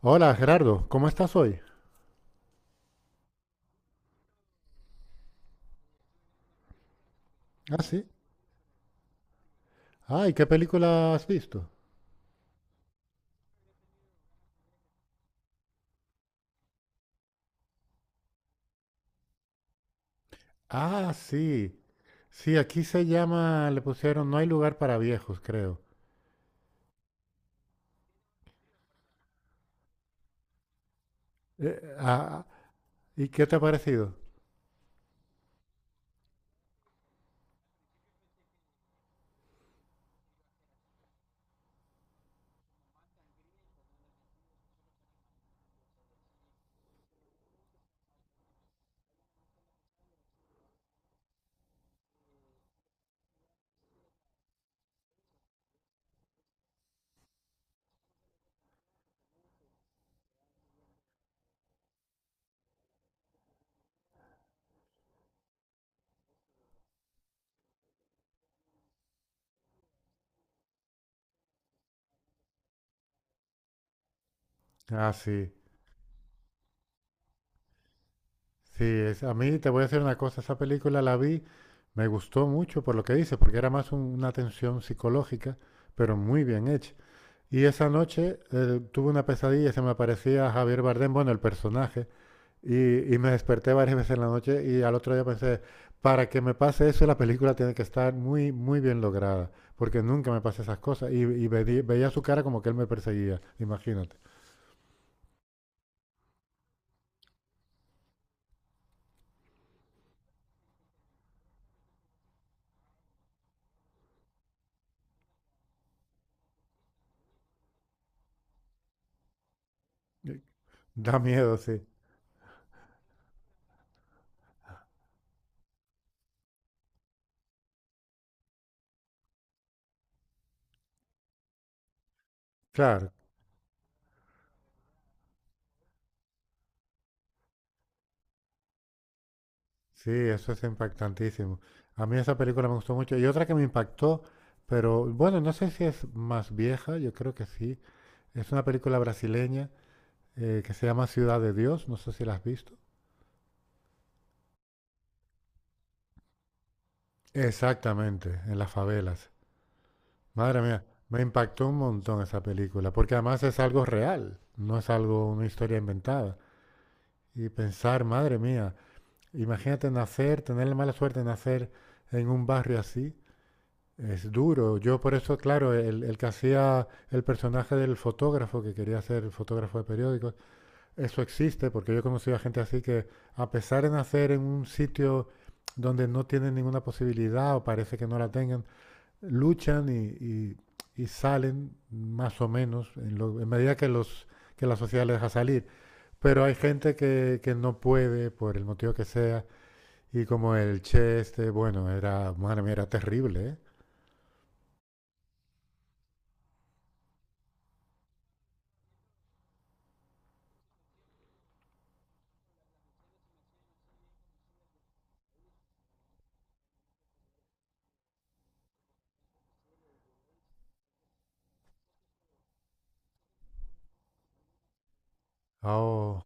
Hola Gerardo, ¿cómo estás hoy? Ah, sí. Ay, ¿qué película has visto? Ah, sí. Sí, aquí se llama, le pusieron No hay lugar para viejos, creo. Eh, ah, ah, ¿Y qué te ha parecido? Ah, sí. Sí, es, a mí te voy a decir una cosa, esa película la vi, me gustó mucho por lo que dice, porque era más una tensión psicológica, pero muy bien hecha. Y esa noche tuve una pesadilla, se me aparecía Javier Bardem, bueno, el personaje. Y me desperté varias veces en la noche y al otro día pensé, para que me pase eso, la película tiene que estar muy, muy bien lograda, porque nunca me pasan esas cosas. Y veía su cara como que él me perseguía, imagínate. Y Da miedo, sí. Claro, sí, eso es impactantísimo. A mí esa película me gustó mucho. Y otra que me impactó, pero bueno, no sé si es más vieja, yo creo que sí. Es una película brasileña que se llama Ciudad de Dios, no sé si la has visto. Exactamente, en las favelas. Madre mía, me impactó un montón esa película, porque además es algo real, no es algo, una historia inventada. Y pensar, madre mía, imagínate nacer, tener la mala suerte de nacer en un barrio así, es duro. Yo por eso, claro, el que hacía el personaje del fotógrafo, que quería ser fotógrafo de periódicos, eso existe, porque yo he conocido a gente así que, a pesar de nacer en un sitio donde no tienen ninguna posibilidad o parece que no la tengan, luchan y, y salen más o menos en, lo, en medida que, los, que la sociedad les deja salir. Pero hay gente que no puede, por el motivo que sea, y como el Che este, bueno, era, madre mía, era terrible, ¿eh? Oh,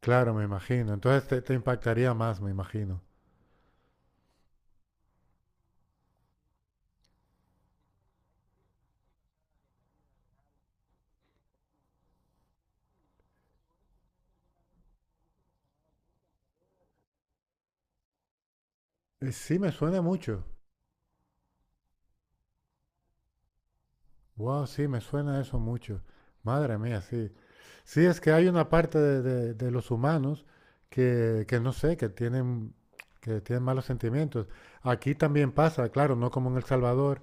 claro, me imagino. Entonces te impactaría más, me imagino. Sí, me suena mucho. Wow, sí, me suena eso mucho. Madre mía, sí. Sí, es que hay una parte de, de los humanos que no sé, que tienen malos sentimientos. Aquí también pasa, claro, no como en El Salvador,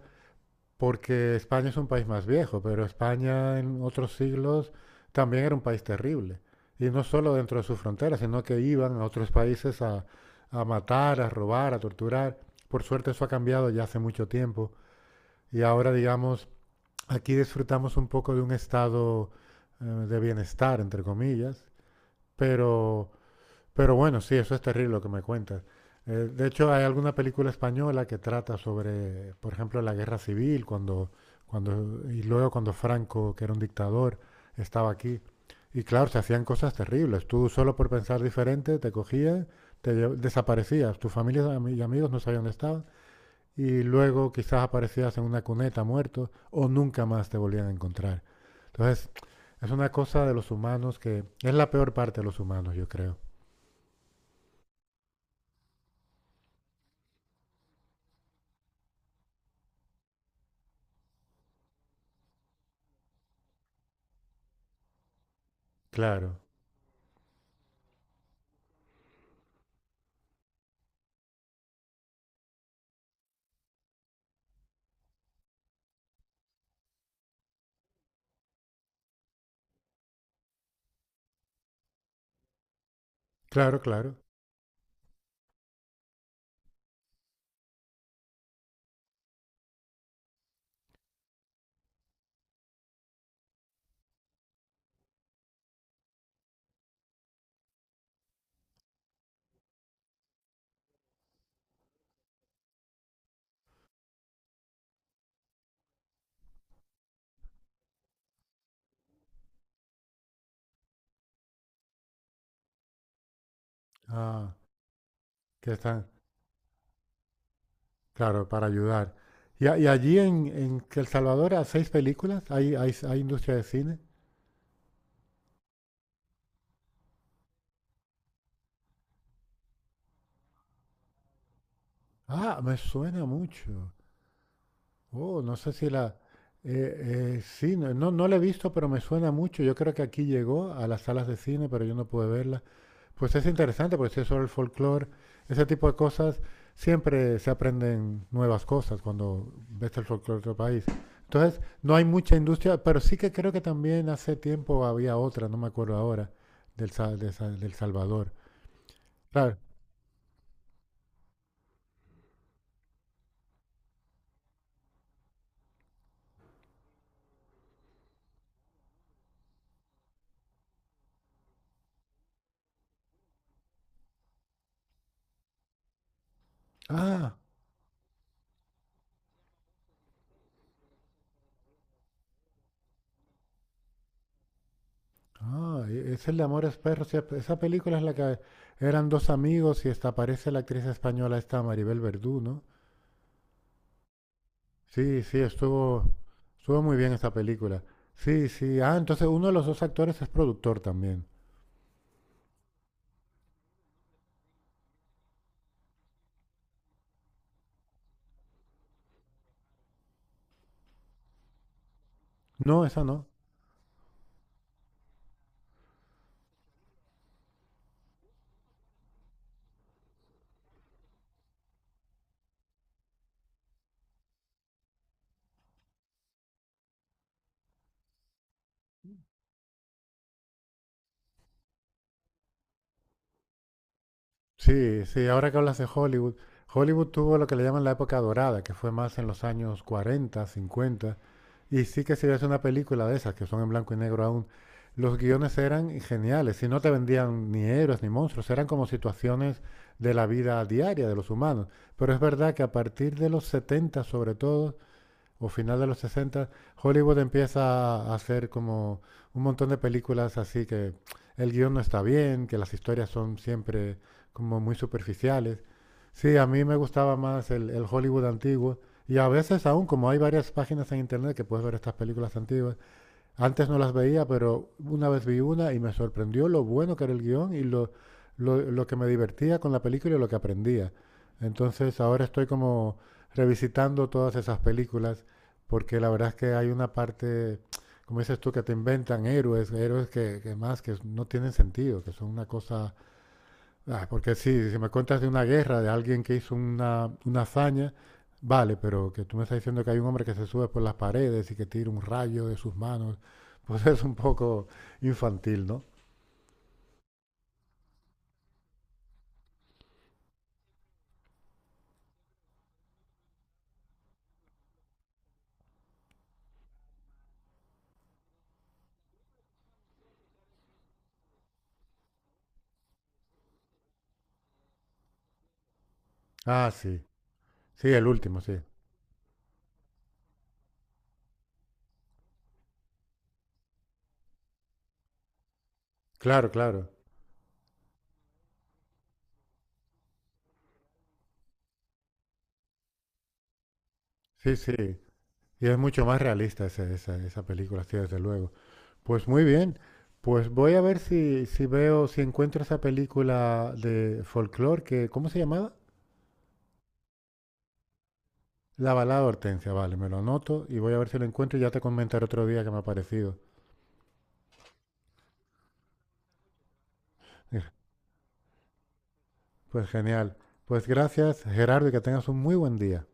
porque España es un país más viejo, pero España en otros siglos también era un país terrible. Y no solo dentro de sus fronteras, sino que iban a otros países a matar, a robar, a torturar. Por suerte eso ha cambiado ya hace mucho tiempo. Y ahora, digamos, aquí disfrutamos un poco de un estado de bienestar, entre comillas, pero, pero bueno, sí, eso es terrible lo que me cuentas. De hecho, hay alguna película española que trata sobre, por ejemplo, la guerra civil, cuando, cuando, y luego cuando Franco, que era un dictador, estaba aquí. Y claro, se hacían cosas terribles. Tú solo por pensar diferente te cogían, desaparecías. Tu familia y y amigos no sabían dónde estabas y luego quizás aparecías en una cuneta muerto o nunca más te volvían a encontrar. Entonces, es una cosa de los humanos que es la peor parte de los humanos, yo creo. Claro, claro, claro. Ah, que están, claro, para ayudar. Y, y allí en El Salvador hay seis películas, hay industria de cine. Ah, me suena mucho. Oh, no sé si la... sí, no, no, no la he visto, pero me suena mucho. Yo creo que aquí llegó a las salas de cine, pero yo no pude verla. Pues es interesante, porque si es sobre el folclore, ese tipo de cosas, siempre se aprenden nuevas cosas cuando ves el folclore de otro país. Entonces, no hay mucha industria, pero sí que creo que también hace tiempo había otra, no me acuerdo ahora, del, del Salvador. Claro. Ah, ah, es el de Amores Perros. Sí, esa película es la que eran dos amigos y esta aparece la actriz española esta Maribel Verdú, ¿no? Sí, sí, estuvo, estuvo muy bien esa película. Sí, sí. Ah, entonces uno de los dos actores es productor también. No, esa no. Sí, sí, ahora que hablas de Hollywood, Hollywood tuvo lo que le llaman la época dorada, que fue más en los años 40, 50, y sí que si ves una película de esas, que son en blanco y negro aún, los guiones eran geniales, y no te vendían ni héroes ni monstruos, eran como situaciones de la vida diaria de los humanos. Pero es verdad que a partir de los 70 sobre todo, o final de los 60, Hollywood empieza a hacer como un montón de películas así que el guión no está bien, que las historias son siempre como muy superficiales. Sí, a mí me gustaba más el Hollywood antiguo y a veces aún como hay varias páginas en internet que puedes ver estas películas antiguas, antes no las veía, pero una vez vi una y me sorprendió lo bueno que era el guión y lo que me divertía con la película y lo que aprendía. Entonces ahora estoy como revisitando todas esas películas porque la verdad es que hay una parte, como dices tú, que te inventan héroes, héroes que más que no tienen sentido, que son una cosa. Ah, porque sí, si me cuentas de una guerra, de alguien que hizo una hazaña, vale, pero que tú me estás diciendo que hay un hombre que se sube por las paredes y que tira un rayo de sus manos, pues es un poco infantil, ¿no? Ah, sí, sí, el último, sí. Claro, claro. Sí, sí. Y es mucho más realista esa, esa película, sí, desde luego. Pues muy bien. Pues voy a ver si, si veo, si encuentro esa película de folclore que, ¿cómo se llamaba? La balada de Hortensia, vale, me lo anoto y voy a ver si lo encuentro y ya te comentaré otro día que me ha parecido. Pues genial. Pues gracias, Gerardo, y que tengas un muy buen día.